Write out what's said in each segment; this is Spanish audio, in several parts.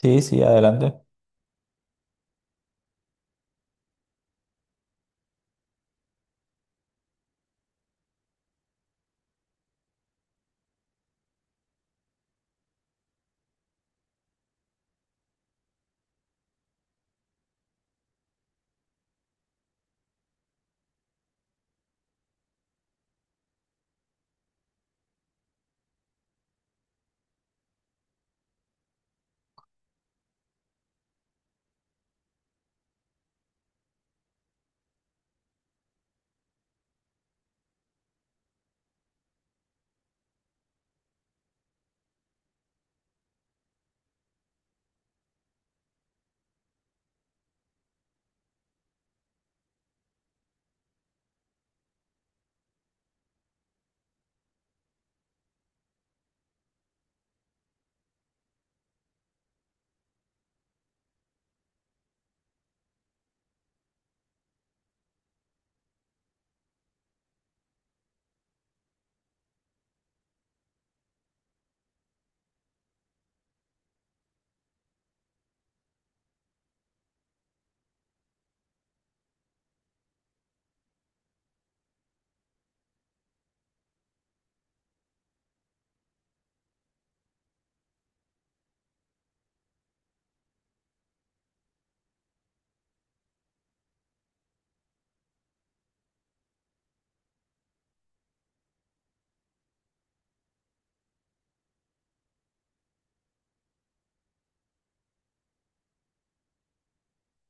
Sí, sí, adelante.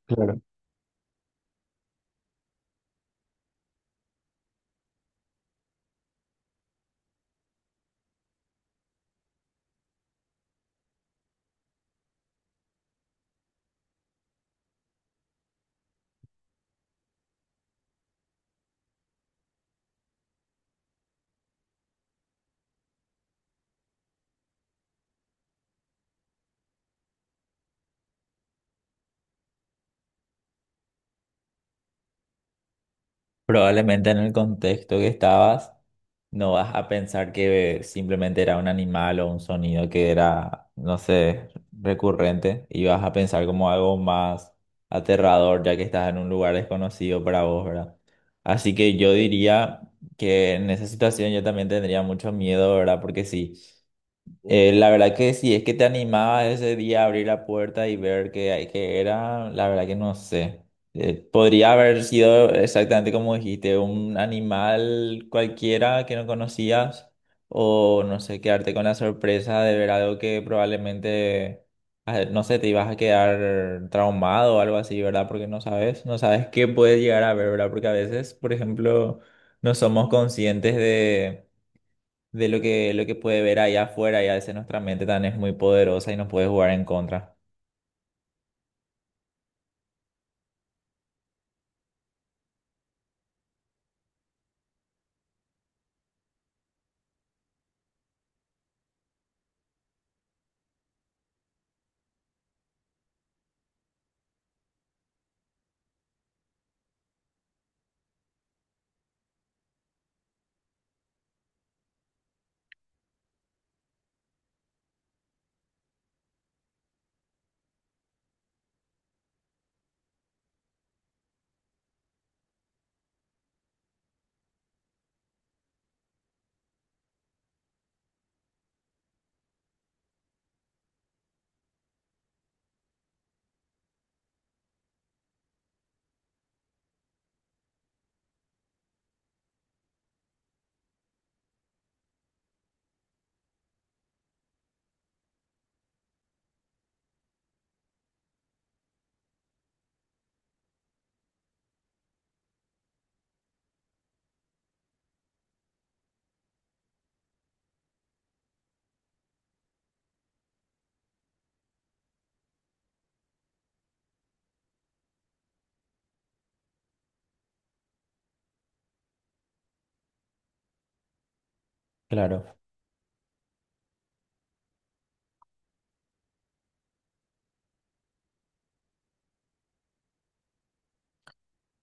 Claro. Probablemente en el contexto que estabas, no vas a pensar que simplemente era un animal o un sonido que era, no sé, recurrente, y vas a pensar como algo más aterrador ya que estás en un lugar desconocido para vos, ¿verdad? Así que yo diría que en esa situación yo también tendría mucho miedo, ¿verdad? Porque sí. La verdad que sí, es que te animaba ese día a abrir la puerta y ver qué, qué era, la verdad que no sé. Podría haber sido exactamente como dijiste, un animal cualquiera que no conocías, o no sé, quedarte con la sorpresa de ver algo que probablemente, ah, no sé, te ibas a quedar traumado o algo así, ¿verdad? Porque no sabes, no sabes qué puedes llegar a ver, ¿verdad? Porque a veces, por ejemplo, no somos conscientes de lo que, lo que puede ver allá afuera, y a veces nuestra mente también es muy poderosa y nos puede jugar en contra. Claro.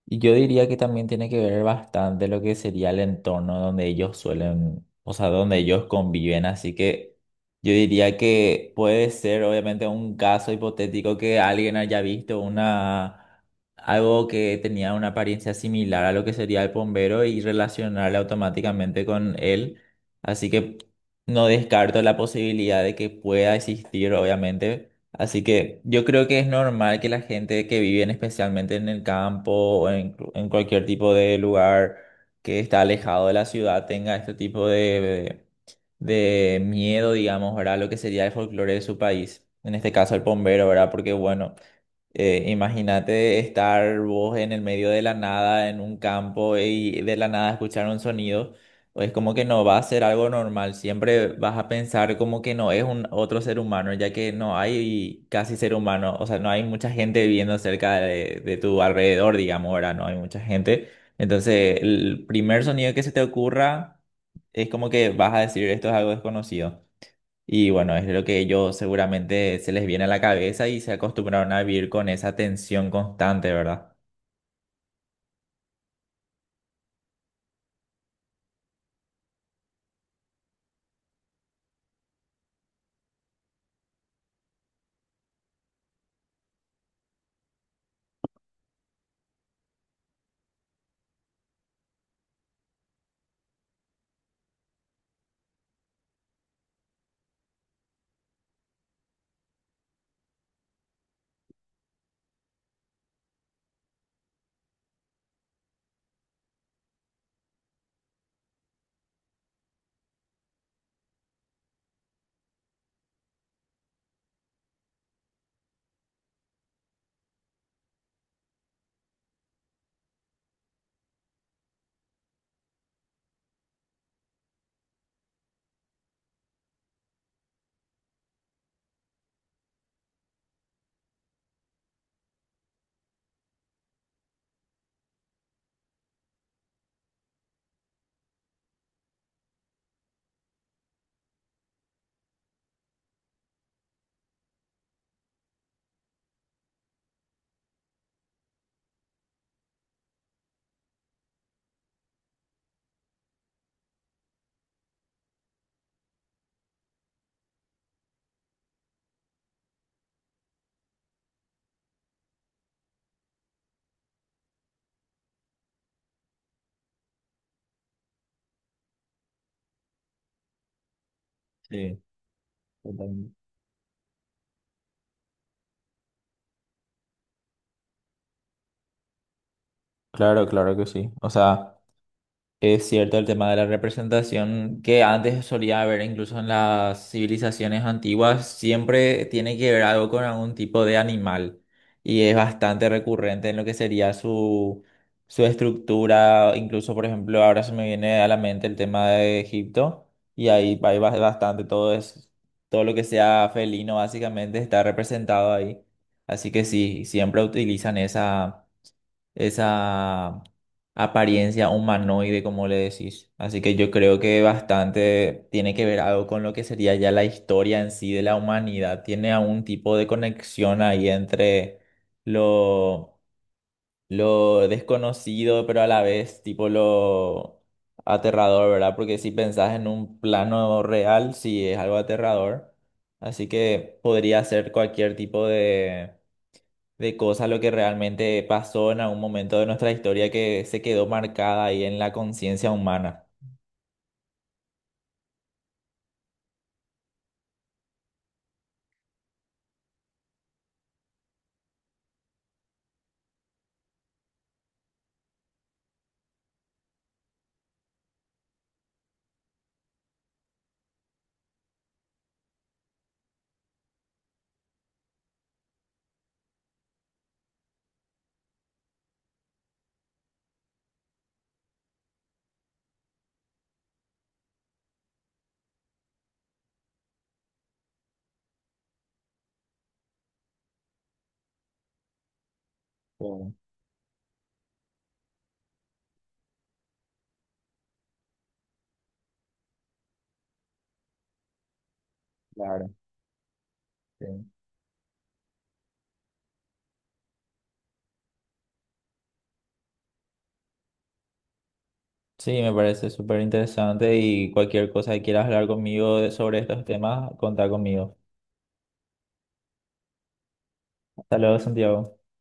Y yo diría que también tiene que ver bastante lo que sería el entorno donde ellos suelen, o sea, donde ellos conviven. Así que yo diría que puede ser obviamente un caso hipotético que alguien haya visto una, algo que tenía una apariencia similar a lo que sería el bombero y relacionarle automáticamente con él. Así que no descarto la posibilidad de que pueda existir, obviamente. Así que yo creo que es normal que la gente que vive en- especialmente en el campo o en cualquier tipo de lugar que está alejado de la ciudad tenga este tipo de miedo, digamos, ¿verdad? Lo que sería el folclore de su país. En este caso el bombero, ¿verdad? Porque bueno. Imagínate estar vos en el medio de la nada, en un campo y de la nada escuchar un sonido. Es como que no va a ser algo normal. Siempre vas a pensar como que no es un otro ser humano, ya que no hay casi ser humano. O sea, no hay mucha gente viviendo cerca de tu alrededor, digamos, ahora no hay mucha gente. Entonces, el primer sonido que se te ocurra es como que vas a decir esto es algo desconocido. Y bueno, es lo que ellos seguramente se les viene a la cabeza y se acostumbraron a vivir con esa tensión constante, ¿verdad? Sí, totalmente. Claro, claro que sí. O sea. Es cierto el tema de la representación que antes solía haber incluso en las civilizaciones antiguas, siempre tiene que ver algo con algún tipo de animal, y es bastante recurrente en lo que sería su, su estructura, incluso por ejemplo ahora se me viene a la mente el tema de Egipto y ahí hay bastante todo es, todo lo que sea felino básicamente está representado ahí, así que sí, siempre utilizan esa esa apariencia humanoide, como le decís. Así que yo creo que bastante tiene que ver algo con lo que sería ya la historia en sí de la humanidad. Tiene algún tipo de conexión ahí entre lo, lo desconocido, pero a la vez tipo lo aterrador, ¿verdad? Porque si pensás en un plano real, sí es algo aterrador. Así que podría ser cualquier tipo de cosas, lo que realmente pasó en algún momento de nuestra historia que se quedó marcada ahí en la conciencia humana. Sí, claro, sí. Sí, me parece súper interesante y cualquier cosa que quieras hablar conmigo de- sobre estos temas, contá conmigo. Hasta luego, Santiago.